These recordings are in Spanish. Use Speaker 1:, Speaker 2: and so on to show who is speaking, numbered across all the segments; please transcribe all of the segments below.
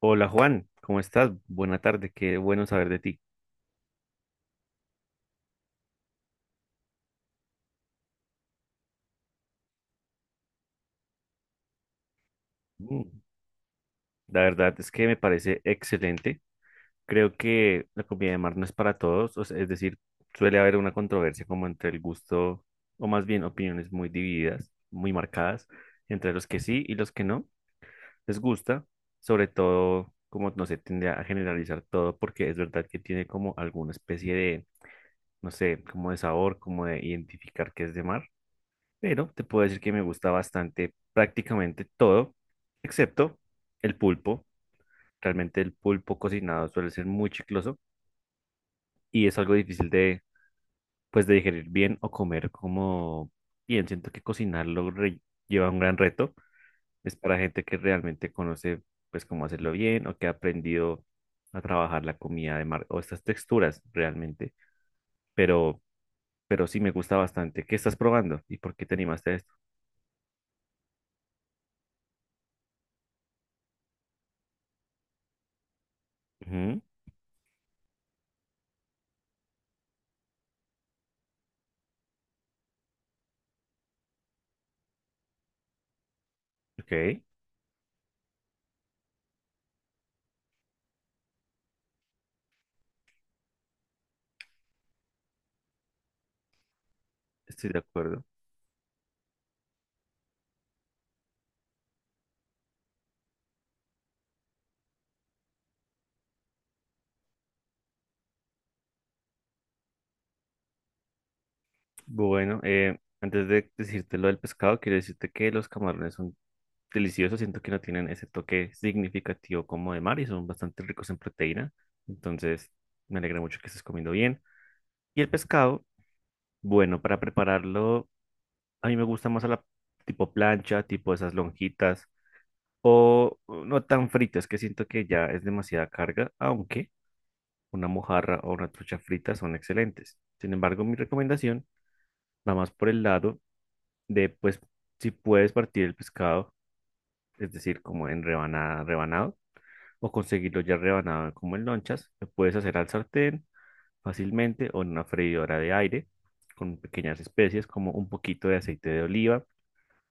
Speaker 1: Hola Juan, ¿cómo estás? Buena tarde, qué bueno saber de ti. Mm, la verdad es que me parece excelente. Creo que la comida de mar no es para todos, o sea, es decir, suele haber una controversia como entre el gusto, o más bien opiniones muy divididas, muy marcadas, entre los que sí y los que no les gusta, sobre todo como no se tiende a generalizar todo porque es verdad que tiene como alguna especie de, no sé, como de sabor, como de identificar que es de mar, pero te puedo decir que me gusta bastante prácticamente todo, excepto el pulpo. Realmente el pulpo cocinado suele ser muy chicloso y es algo difícil de, pues, de digerir bien o comer como bien. Siento que cocinarlo lleva un gran reto. Es para gente que realmente conoce, pues, cómo hacerlo bien o que ha aprendido a trabajar la comida de mar o estas texturas realmente. Pero, pero sí me gusta bastante. ¿Qué estás probando y por qué te animaste a esto? Ujú, ok, estoy de acuerdo. Bueno, antes de decirte lo del pescado, quiero decirte que los camarones son deliciosos. Siento que no tienen ese toque significativo como de mar y son bastante ricos en proteína. Entonces, me alegra mucho que estés comiendo bien. Y el pescado, bueno, para prepararlo, a mí me gusta más a la tipo plancha, tipo esas lonjitas o no tan fritas, que siento que ya es demasiada carga, aunque una mojarra o una trucha frita son excelentes. Sin embargo, mi recomendación va más por el lado. De pues si puedes partir el pescado, es decir, como en rebanada, rebanado, o conseguirlo ya rebanado como en lonchas, lo puedes hacer al sartén fácilmente o en una freidora de aire con pequeñas especies como un poquito de aceite de oliva,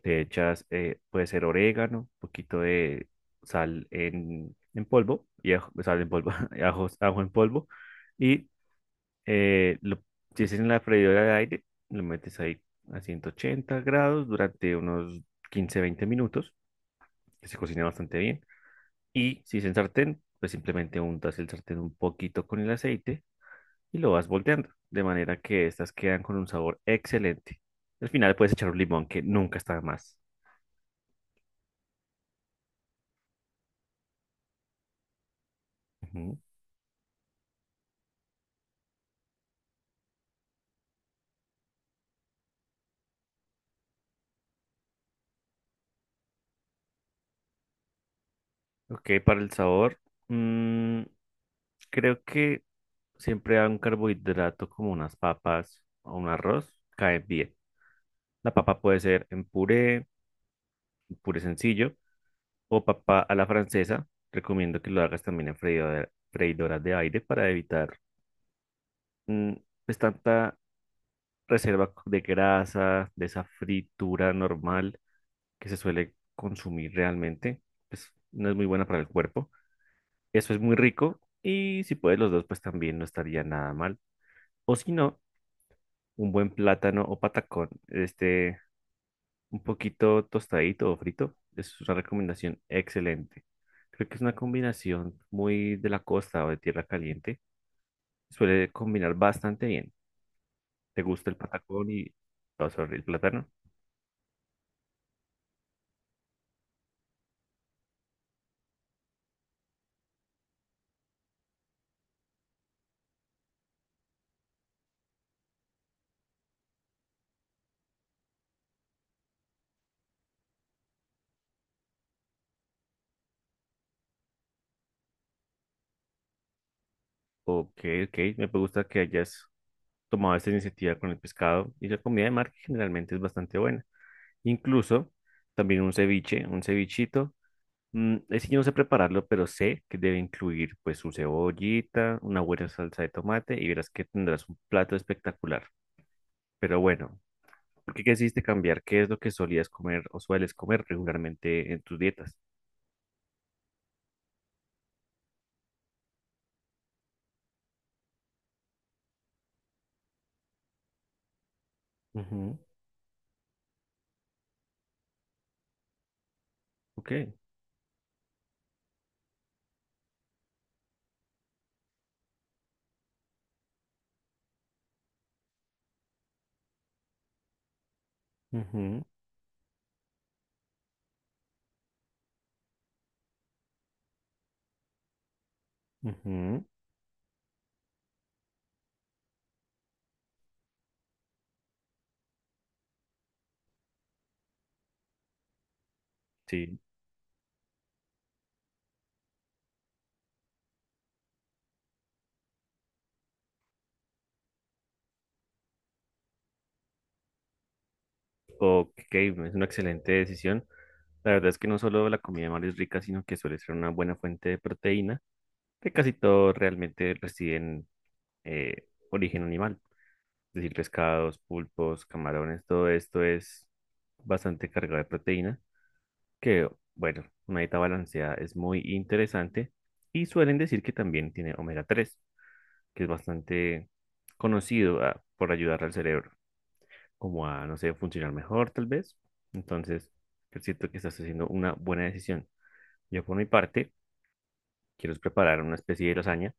Speaker 1: le echas, puede ser orégano, un poquito de sal en polvo, y sal en polvo, ajo en polvo, y eh, lo- si es en la freidora de aire, lo metes ahí a 180 grados durante unos 15 a 20 minutos, que se cocina bastante bien. Y si es en sartén, pues simplemente untas el sartén un poquito con el aceite y lo vas volteando, de manera que estas quedan con un sabor excelente. Al final puedes echar un limón, que nunca está de más. Ujú. Ok, para el sabor, mm, creo que siempre a un carbohidrato como unas papas o un arroz cae bien. La papa puede ser en puré, puré sencillo o papa a la francesa. Recomiendo que lo hagas también en freidoras de aire para evitar mm, pues tanta reserva de grasa, de esa fritura normal que se suele consumir realmente. Pues no es muy buena para el cuerpo. Eso es muy rico y si puedes los dos pues también no estaría nada mal. O si no, un buen plátano o patacón. Este un poquito tostadito o frito. Es una recomendación excelente. Creo que es una combinación muy de la costa o de tierra caliente. Suele combinar bastante bien. ¿Te gusta el patacón y, oh, sorry, el plátano? Ok, ok. Me gusta que hayas tomado esta iniciativa con el pescado y la comida de mar que generalmente es bastante buena. Incluso también un ceviche, un cevichito. Mm, es que yo no sé prepararlo, pero sé que debe incluir pues su cebollita, una buena salsa de tomate y verás que tendrás un plato espectacular. Pero bueno, ¿por qué quisiste cambiar? ¿Qué es lo que solías comer o sueles comer regularmente en tus dietas? Ujú, ok, ujú, ujú, sí. Ok, es una excelente decisión. La verdad es que no solo la comida de mar es rica, sino que suele ser una buena fuente de proteína, que casi todo realmente reside en origen animal. Es decir, pescados, pulpos, camarones, todo esto es bastante cargado de proteína, que, bueno, una dieta balanceada es muy interesante y suelen decir que también tiene omega-3, que es bastante conocido, ah, por ayudar al cerebro, como a, no sé, funcionar mejor tal vez. Entonces, es cierto que estás haciendo una buena decisión. Yo por mi parte, quiero es preparar una especie de lasaña,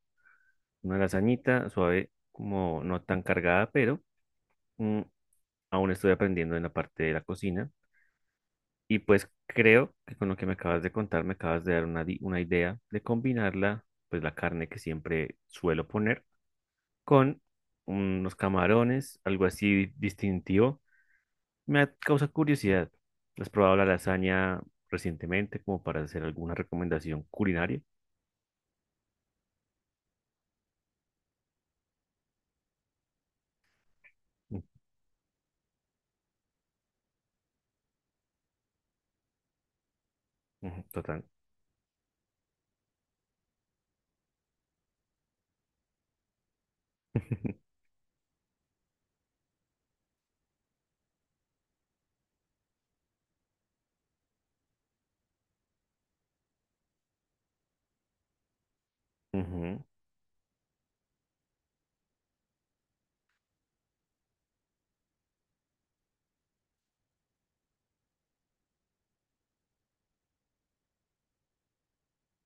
Speaker 1: una lasañita suave, como no tan cargada, pero mm, aún estoy aprendiendo en la parte de la cocina. Y pues creo que con lo que me acabas de contar, me acabas de dar una idea de combinarla, pues la carne que siempre suelo poner con unos camarones, algo así distintivo. Causa curiosidad. ¿Has probado la lasaña recientemente como para hacer alguna recomendación culinaria? Mm, ujú, total. Ujú,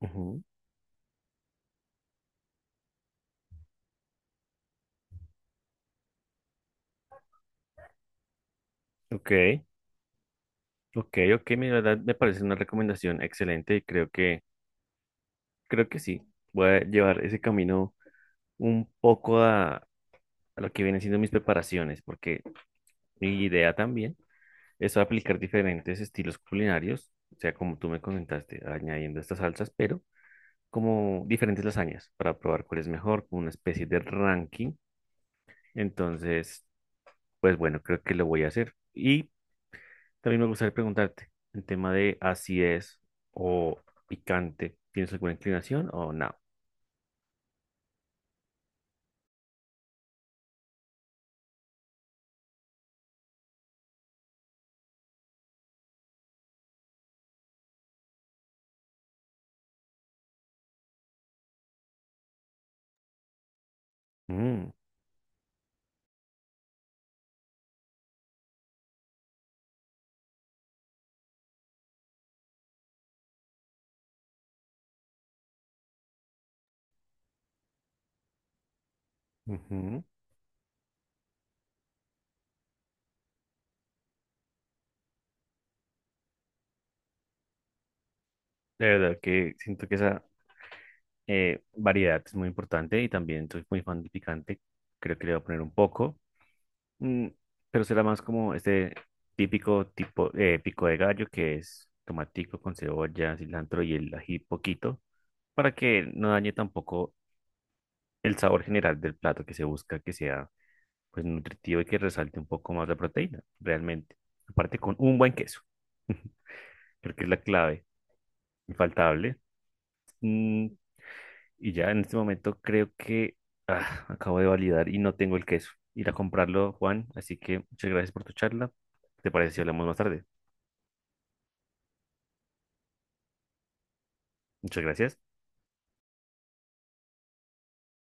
Speaker 1: ujú. Ok, ok, la verdad me parece una recomendación excelente y creo que sí, voy a llevar ese camino un poco a lo que vienen siendo mis preparaciones, porque mi idea también es aplicar diferentes estilos culinarios, o sea, como tú me comentaste, añadiendo estas salsas, pero como diferentes lasañas para probar cuál es mejor, como una especie de ranking. Entonces, pues bueno, creo que lo voy a hacer. Y también me gustaría preguntarte, el tema de acidez o picante, ¿tienes alguna inclinación o no? Mm, ujú. De verdad que siento que esa, variedad es muy importante y también soy muy fan del picante. Creo que le voy a poner un poco, mm, pero será más como este típico tipo pico de gallo, que es tomatico con cebolla, cilantro y el ají poquito, para que no dañe tampoco el sabor general del plato, que se busca que sea pues nutritivo y que resalte un poco más la proteína realmente. Aparte con un buen queso, creo que es la clave infaltable. Mm, y ya en este momento creo que, ah, acabo de validar y no tengo el queso. Ir a comprarlo, Juan. Así que muchas gracias por tu charla. ¿Te parece si hablamos más tarde? Muchas gracias.